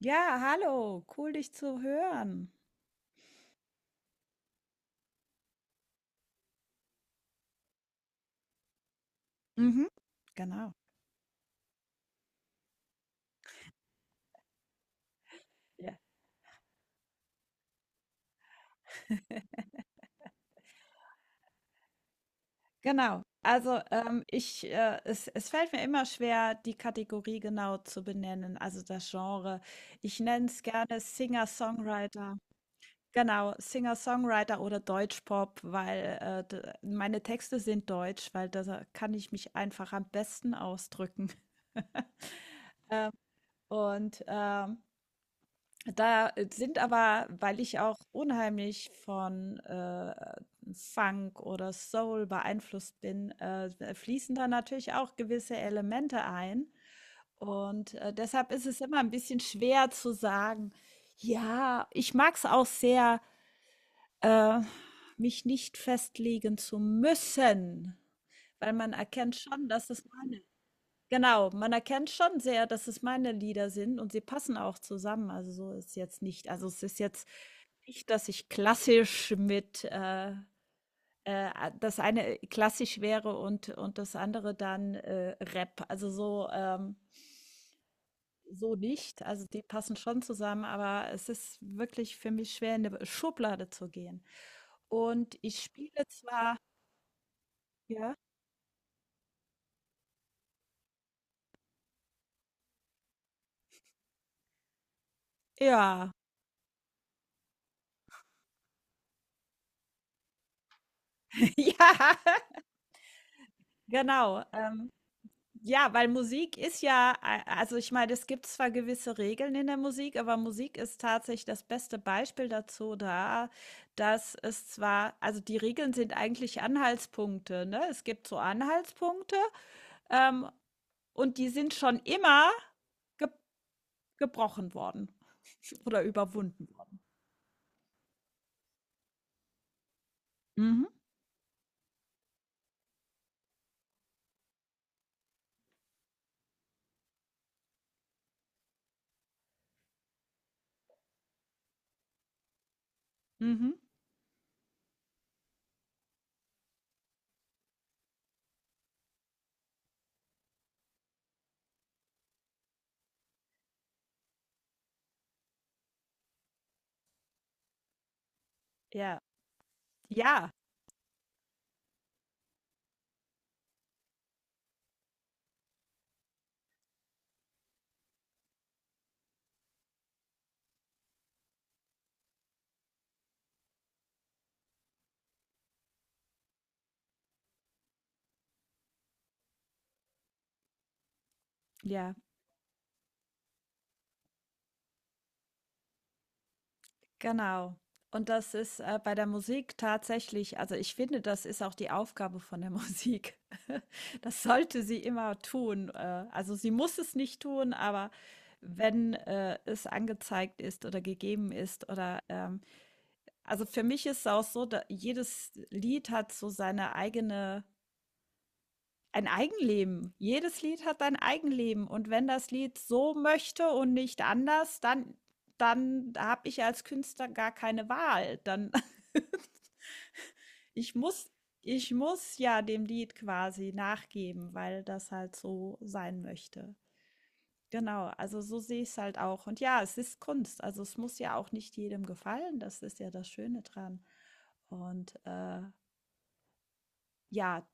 Ja, hallo, cool dich zu hören. Mhm, genau. Ja. Genau. Also, ich, es fällt mir immer schwer, die Kategorie genau zu benennen, also das Genre. Ich nenne es gerne Singer-Songwriter. Genau, Singer-Songwriter oder Deutschpop, weil meine Texte sind deutsch, weil da kann ich mich einfach am besten ausdrücken. Ähm, und Da sind aber, weil ich auch unheimlich von Funk oder Soul beeinflusst bin, fließen da natürlich auch gewisse Elemente ein. Und deshalb ist es immer ein bisschen schwer zu sagen, ja, ich mag es auch sehr, äh, mich nicht festlegen zu müssen, weil man erkennt schon, dass es meine Genau, man erkennt schon sehr, dass es meine Lieder sind und sie passen auch zusammen. Also, so ist jetzt nicht also, es ist jetzt nicht, dass ich klassisch mit, das eine klassisch wäre und das andere dann, Rap. Also, so, so nicht. Also, die passen schon zusammen, aber es ist wirklich für mich schwer, in 'ne Schublade zu gehen. Und ich spiele zwar ja? Ja. Ja, genau, Ja, weil Musik ist ja a also, ich meine, es gibt zwar gewisse Regeln in der Musik, aber Musik ist tatsächlich das beste Beispiel dazu da, dass es zwar also, die Regeln sind eigentlich Anhaltspunkte, ne? Es gibt so Anhaltspunkte, ähm, und die sind schon immer ge gebrochen worden oder überwunden worden. Mhm, mhm. Ja, ja, ja. Genau. Und das ist, bei der Musik tatsächlich also, ich finde, das ist auch die Aufgabe von der Musik. Das sollte sie immer tun. Also, sie muss es nicht tun, aber wenn, es angezeigt ist oder gegeben ist oder, also, für mich ist es auch so, da jedes Lied hat so seine eigene ein Eigenleben. Jedes Lied hat ein Eigenleben und wenn das Lied so möchte und nicht anders, dann dann habe ich als Künstler gar keine Wahl. Dann ich muss ich muss ja dem Lied quasi nachgeben, weil das halt so sein möchte. Genau, also so sehe ich es halt auch. Und ja, es ist Kunst. Also, es muss ja auch nicht jedem gefallen. Das ist ja das Schöne dran. Und, ja,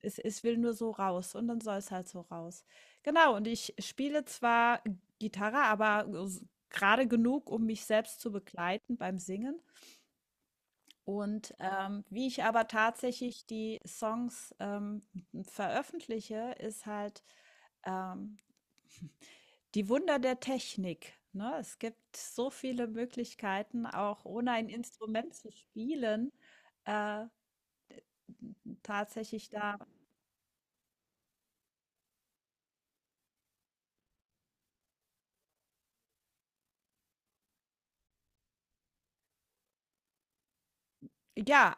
es will nur so raus und dann soll es halt so raus. Genau, und ich spiele zwar Gitarre, aber s grade genug, um mich selbst zu begleiten beim Singen. Und, wie ich aber tatsächlich die Songs, veröffentliche, ist halt, ähm, die Wunder der Technik, ne? Es gibt so viele Möglichkeiten, auch ohne ein Instrument zu spielen, äh, tatsächlich da ja.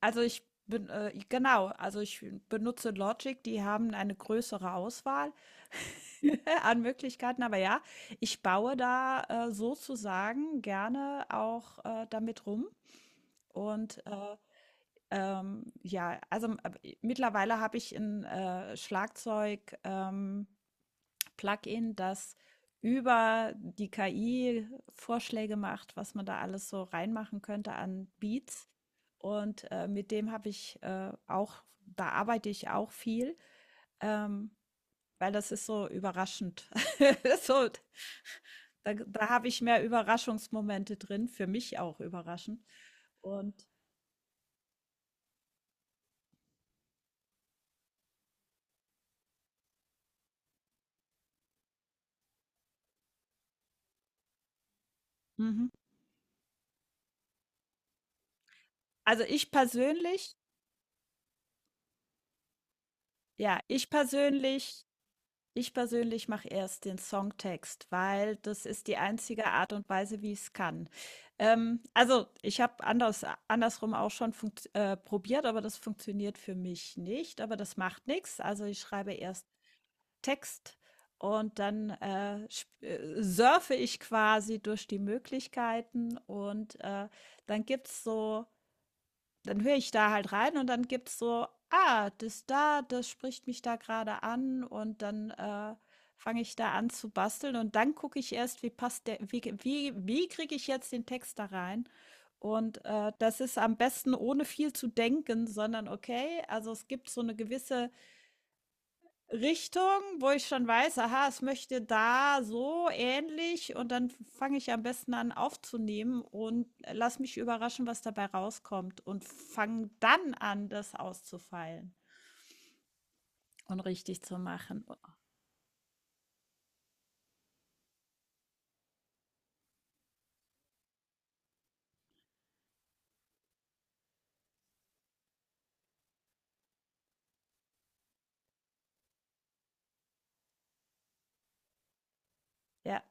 Also ich bin, genau, also ich benutze Logic, die haben eine größere Auswahl an Möglichkeiten, aber ja, ich baue da sozusagen gerne auch damit rum. Und äh, ja, also mittlerweile habe ich ein Schlagzeug. Plugin, das über die KI Vorschläge macht, was man da alles so reinmachen könnte an Beats. Und mit dem habe ich auch, da arbeite ich auch viel, ähm, weil das ist so überraschend. so, da habe ich mehr Überraschungsmomente drin, für mich auch überraschend. Und mhm. Also ich persönlich, ja, ich persönlich ich persönlich mache erst den Songtext, weil das ist die einzige Art und Weise, wie ich es kann. Also, ich habe andersrum auch schon funkt probiert, aber das funktioniert für mich nicht, aber das macht nichts. Also, ich schreibe erst Text und dann, sp surfe ich quasi durch die Möglichkeiten und, dann gibt's so dann höre ich da halt rein und dann gibt's so: „Ah, das da, das spricht mich da gerade an“, und dann, fange ich da an zu basteln und dann gucke ich erst, wie passt der wie wie wie kriege ich jetzt den Text da rein? Und, das ist am besten ohne viel zu denken, sondern okay, also es gibt so eine gewisse Richtung, wo ich schon weiß, aha, es möchte da so ähnlich, und dann fange ich am besten an aufzunehmen und lass mich überraschen, was dabei rauskommt, und fange dann an, das auszufeilen und richtig zu machen. Ja,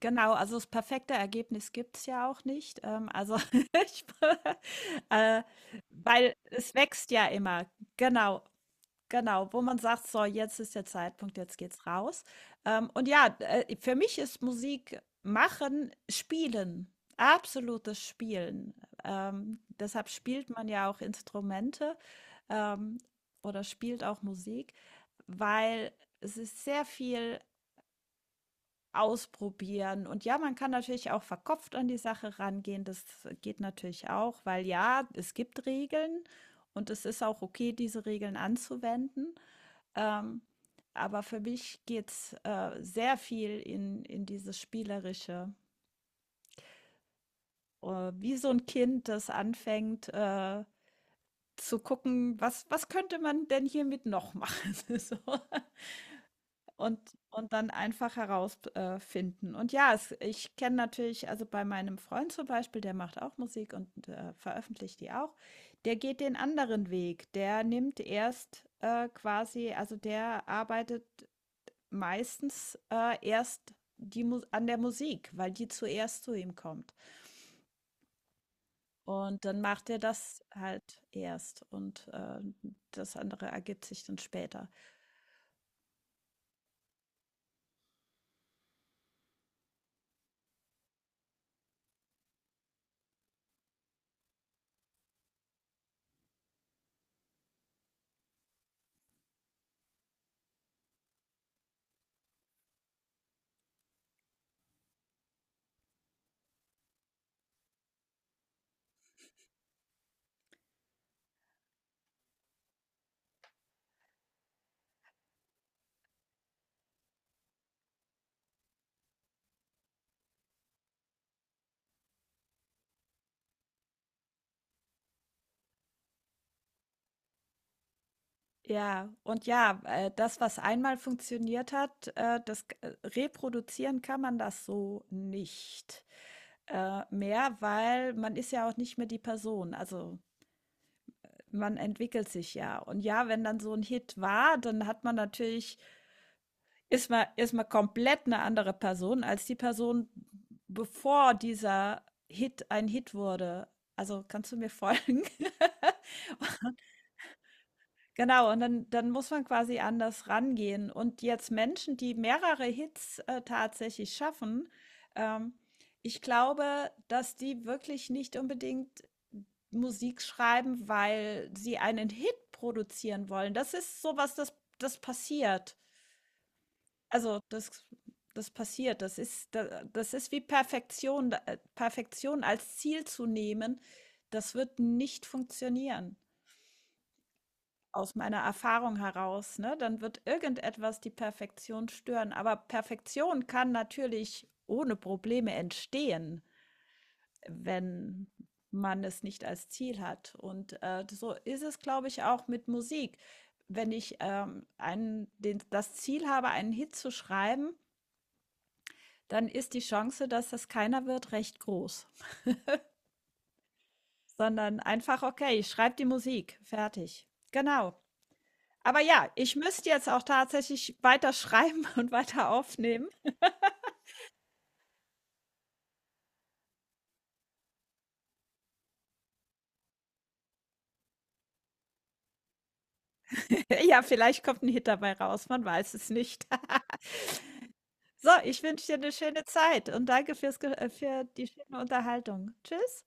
genau, also das perfekte Ergebnis gibt es ja auch nicht. Also ich, äh, weil es wächst ja immer. Genau. Genau, wo man sagt: „So, jetzt ist der Zeitpunkt, jetzt geht's raus.“ Und ja, für mich ist Musik machen Spielen, absolutes Spielen. Deshalb spielt man ja auch Instrumente, ähm, oder spielt auch Musik, weil es ist sehr viel Ausprobieren. Und ja, man kann natürlich auch verkopft an die Sache rangehen. Das geht natürlich auch, weil ja, es gibt Regeln und es ist auch okay, diese Regeln anzuwenden. Ähm, aber für mich geht's sehr viel in dieses Spielerische. Wie so ein Kind, das anfängt zu gucken, was, was könnte man denn hiermit noch machen? So. Und und dann einfach herausfinden finden. Und ja, es ich kenne natürlich also, bei meinem Freund zum Beispiel, der macht auch Musik und, veröffentlicht die auch. Der geht den anderen Weg. Der nimmt erst, quasi also, der arbeitet meistens, erst die Mus an der Musik, weil die zuerst zu ihm kommt. Und dann macht er das halt erst und, das andere ergibt sich dann später. Ja, und ja, das, was einmal funktioniert hat, reproduzieren kann man das so nicht mehr, weil man ist ja auch nicht mehr die Person. Also man entwickelt sich ja. Und ja, wenn dann so ein Hit war, dann hat man natürlich, ist man komplett eine andere Person als die Person, bevor dieser Hit ein Hit wurde. Also kannst du mir folgen? Genau, und dann muss man quasi anders rangehen. Und jetzt Menschen, die mehrere Hits, tatsächlich schaffen, ähm, ich glaube, dass die wirklich nicht unbedingt Musik schreiben, weil sie einen Hit produzieren wollen. Das ist sowas, das passiert. Also, das passiert. Das ist wie Perfektion. Da Perfektion als Ziel zu nehmen, das wird nicht funktionieren. Aus meiner Erfahrung heraus, ne? Dann wird irgendetwas die Perfektion stören. Aber Perfektion kann natürlich ohne Probleme entstehen, wenn man es nicht als Ziel hat. Und, so ist es, glaube ich, auch mit Musik. Wenn ich, einen den das Ziel habe, einen Hit zu schreiben, dann ist die Chance, dass das keiner wird, recht groß, sondern einfach: „Okay, ich schreibe die Musik, fertig.“ Genau. Aber ja, ich müsste jetzt auch tatsächlich weiter schreiben und weiter aufnehmen. Ja, vielleicht kommt ein Hit dabei raus, man weiß es nicht. So, ich wünsche dir eine schöne Zeit und danke für die schöne Unterhaltung. Tschüss.